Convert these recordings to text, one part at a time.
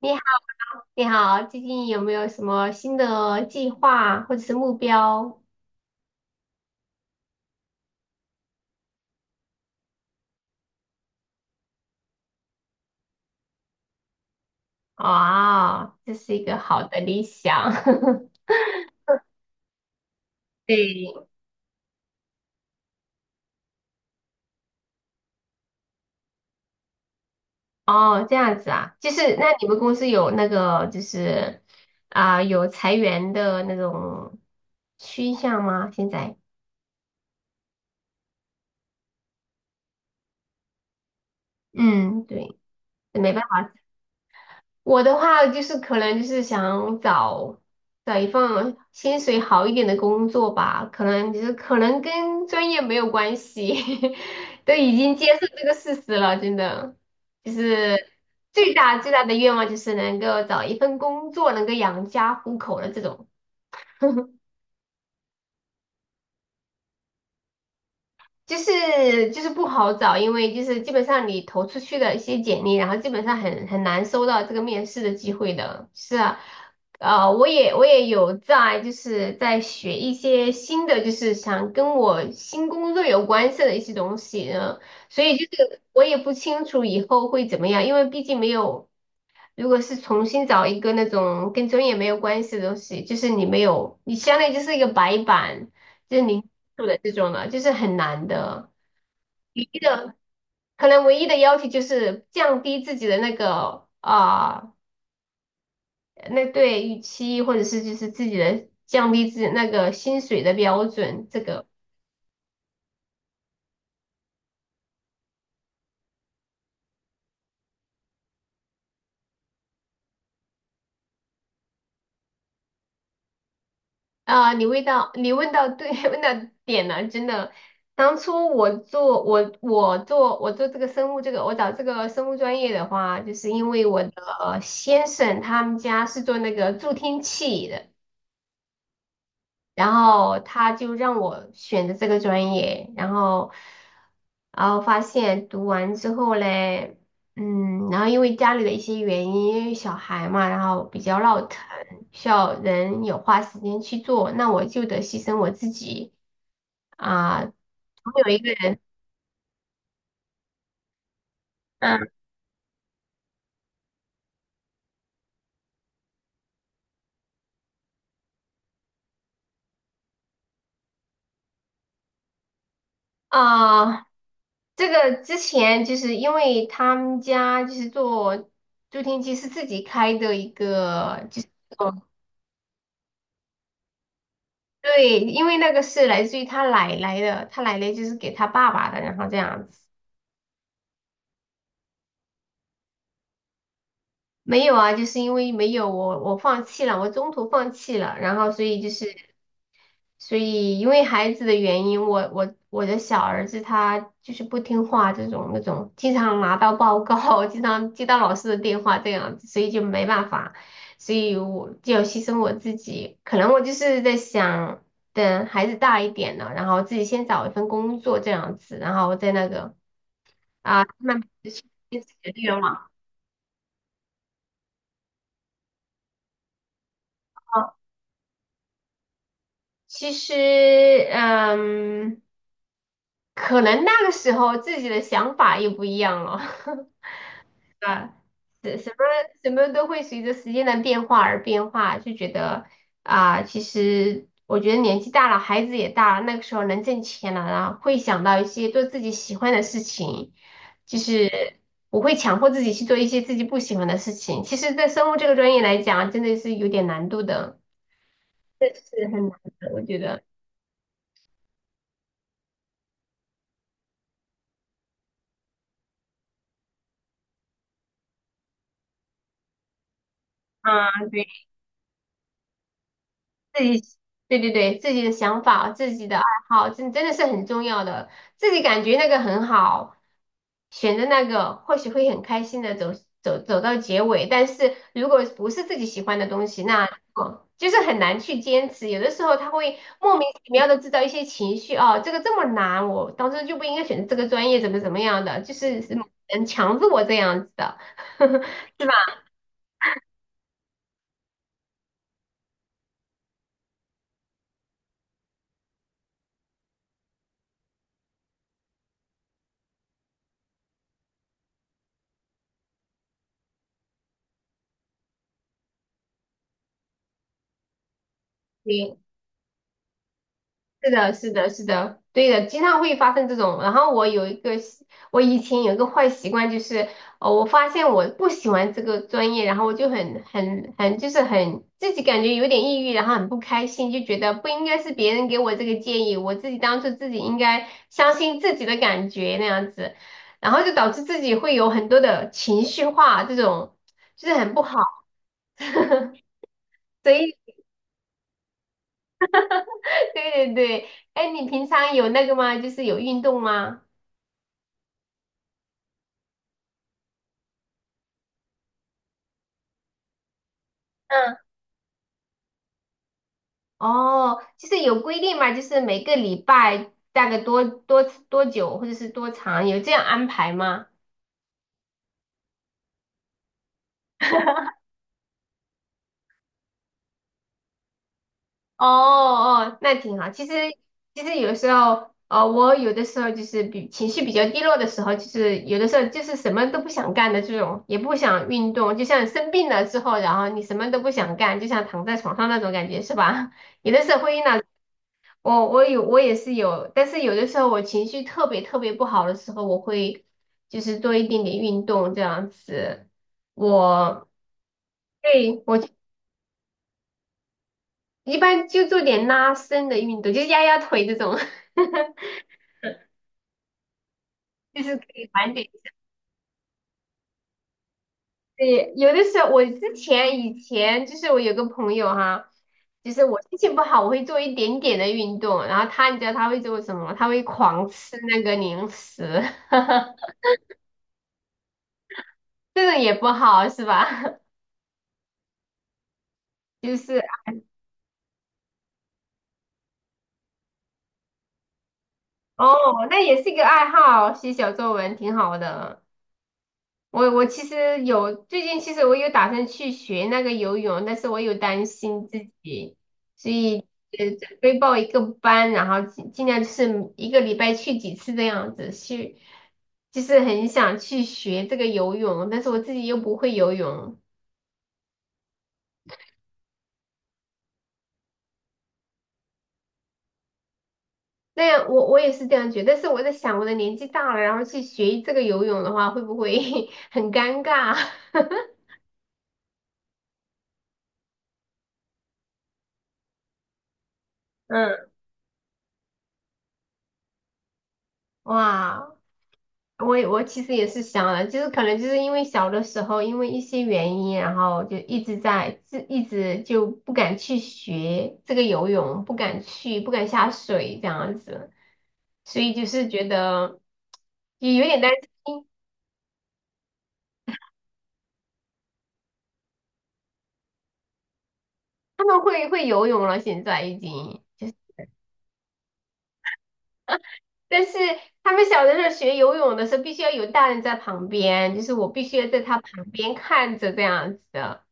你好。你好，最近有没有什么新的计划或者是目标？啊，这是一个好的理想。对。哦，这样子啊，就是那你们公司有那个有裁员的那种趋向吗？现在？嗯，对，没办法。我的话就是可能就是想找一份薪水好一点的工作吧，可能就是可能跟专业没有关系，都已经接受这个事实了，真的，就是最大的愿望就是能够找一份工作能够养家糊口的这种。就是不好找，因为就是基本上你投出去的一些简历，然后基本上很难收到这个面试的机会的。是啊，我也有在就是在学一些新的，就是想跟我新工作有关系的一些东西呢，所以就是我也不清楚以后会怎么样，因为毕竟没有，如果是重新找一个那种跟专业没有关系的东西，就是你没有，你相当于就是一个白板，就是零基础的这种了，就是很难的。唯一的可能唯一的要求就是降低自己的那个那对预期，或者是就是自己的降低自己那个薪水的标准。这个啊、你问到对 问到点了，真的。当初我做这个生物这个我找这个生物专业的话，就是因为我的先生他们家是做那个助听器的。然后他就让我选的这个专业，然后，然后发现读完之后嘞，嗯，然后因为家里的一些原因，因为小孩嘛，然后比较闹腾，需要人有花时间去做，那我就得牺牲我自己啊，总有一个人。嗯啊。这个之前就是因为他们家就是做助听器是自己开的一个，就是对，因为那个是来自于他奶奶的，他奶奶就是给他爸爸的，然后这样子。没有啊，就是因为没有我放弃了，我中途放弃了，然后所以就是。所以因为孩子的原因，我的小儿子他就是不听话，这种那种经常拿到报告，经常接到老师的电话这样子，所以就没办法，所以我就要牺牲我自己。可能我就是在想，等孩子大一点了，然后自己先找一份工作这样子，然后再那个啊，慢慢实现自己的愿望。哦，其实嗯，可能那个时候自己的想法也不一样了。啊，什什么什么都会随着时间的变化而变化，就觉得啊、其实我觉得年纪大了，孩子也大了，那个时候能挣钱了，然后会想到一些做自己喜欢的事情，就是我会强迫自己去做一些自己不喜欢的事情。其实，在生物这个专业来讲，真的是有点难度的，是很难的，我觉得。啊，对。自己，对对对，自己的想法、自己的爱好，真真的是很重要的。自己感觉那个很好，选择那个或许会很开心的走到结尾。但是如果不是自己喜欢的东西，那哦就是很难去坚持。有的时候他会莫名其妙的制造一些情绪，哦，这个这么难，我当时就不应该选择这个专业，怎么怎么样的，就是是很强制我这样子的，是吧？对是的，是的，是的，对的，经常会发生这种。然后我以前有一个坏习惯，就是我发现我不喜欢这个专业，然后我就很很很，就是很自己感觉有点抑郁，然后很不开心，就觉得不应该是别人给我这个建议，我自己当初自己应该相信自己的感觉那样子，然后就导致自己会有很多的情绪化，这种就是很不好。所以，对对对，哎，你平常有那个吗？就是有运动吗？嗯。哦，就是有规定嘛，就是每个礼拜大概多久或者是多长，有这样安排吗？哦哦，那挺好。其实有时候，我有的时候就是比情绪比较低落的时候，就是有的时候就是什么都不想干的这种，也不想运动，就像生病了之后，然后你什么都不想干，就像躺在床上那种感觉，是吧？有的时候会遇到。我也是有，但是有的时候我情绪特别特别不好的时候，我会就是做一点点运动这样子。我对我一般就做点拉伸的运动，就是压压腿这种，就是可以缓解。对，有的时候我以前就是我有个朋友哈，就是我心情不好，我会做一点点的运动，然后他你知道他会做什么？他会狂吃那个零食，这种也不好是吧？就是。哦，那也是一个爱好，写小作文挺好的。我其实有最近，其实我有打算去学那个游泳，但是我有担心自己，所以准备报一个班，然后尽尽量就是一个礼拜去几次这样子去，就是很想去学这个游泳，但是我自己又不会游泳。那样我也是这样觉得，但是我在想，我的年纪大了，然后去学这个游泳的话，会不会 很尴尬？嗯，哇。我其实也是想了，就是可能就是因为小的时候因为一些原因，然后就一直就不敢去学这个游泳，不敢下水这样子，所以就是觉得也有点担心他们会会游泳了，现在已经就是，但是他们小的时候学游泳的时候必须要有大人在旁边，就是我必须要在他旁边看着这样子的。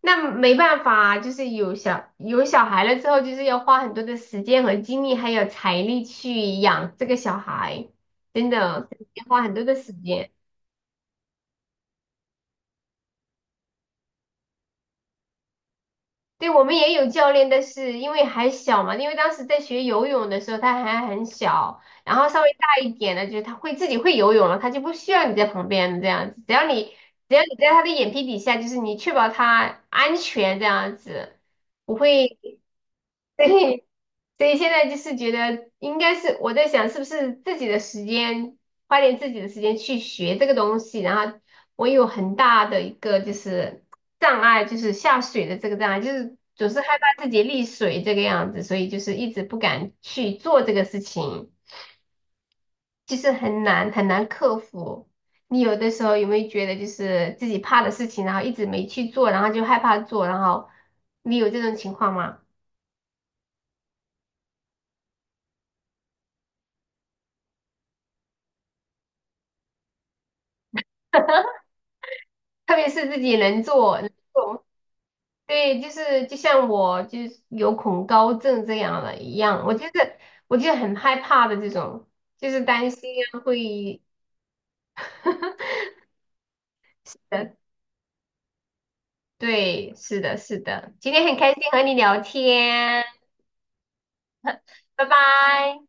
那没办法啊，就是有小孩了之后，就是要花很多的时间和精力，还有财力去养这个小孩，真的要花很多的时间。对，我们也有教练，但是因为还小嘛，因为当时在学游泳的时候他还很小，然后稍微大一点了，就是他会自己会游泳了，他就不需要你在旁边这样子，只要你在他的眼皮底下，就是你确保他安全这样子，不会。所以，所以现在就是觉得应该是我在想，是不是自己的时间，花点自己的时间去学这个东西。然后我有很大的一个就是障碍，就是下水的这个障碍，就是总是害怕自己溺水这个样子，所以就是一直不敢去做这个事情，就是很难很难克服。你有的时候有没有觉得就是自己怕的事情，然后一直没去做，然后就害怕做，然后你有这种情况吗？特别是自己能做，对，就是就像我就是有恐高症这样的一样，我就很害怕的这种，就是担心啊会，对，是的，是的，今天很开心和你聊天，拜拜。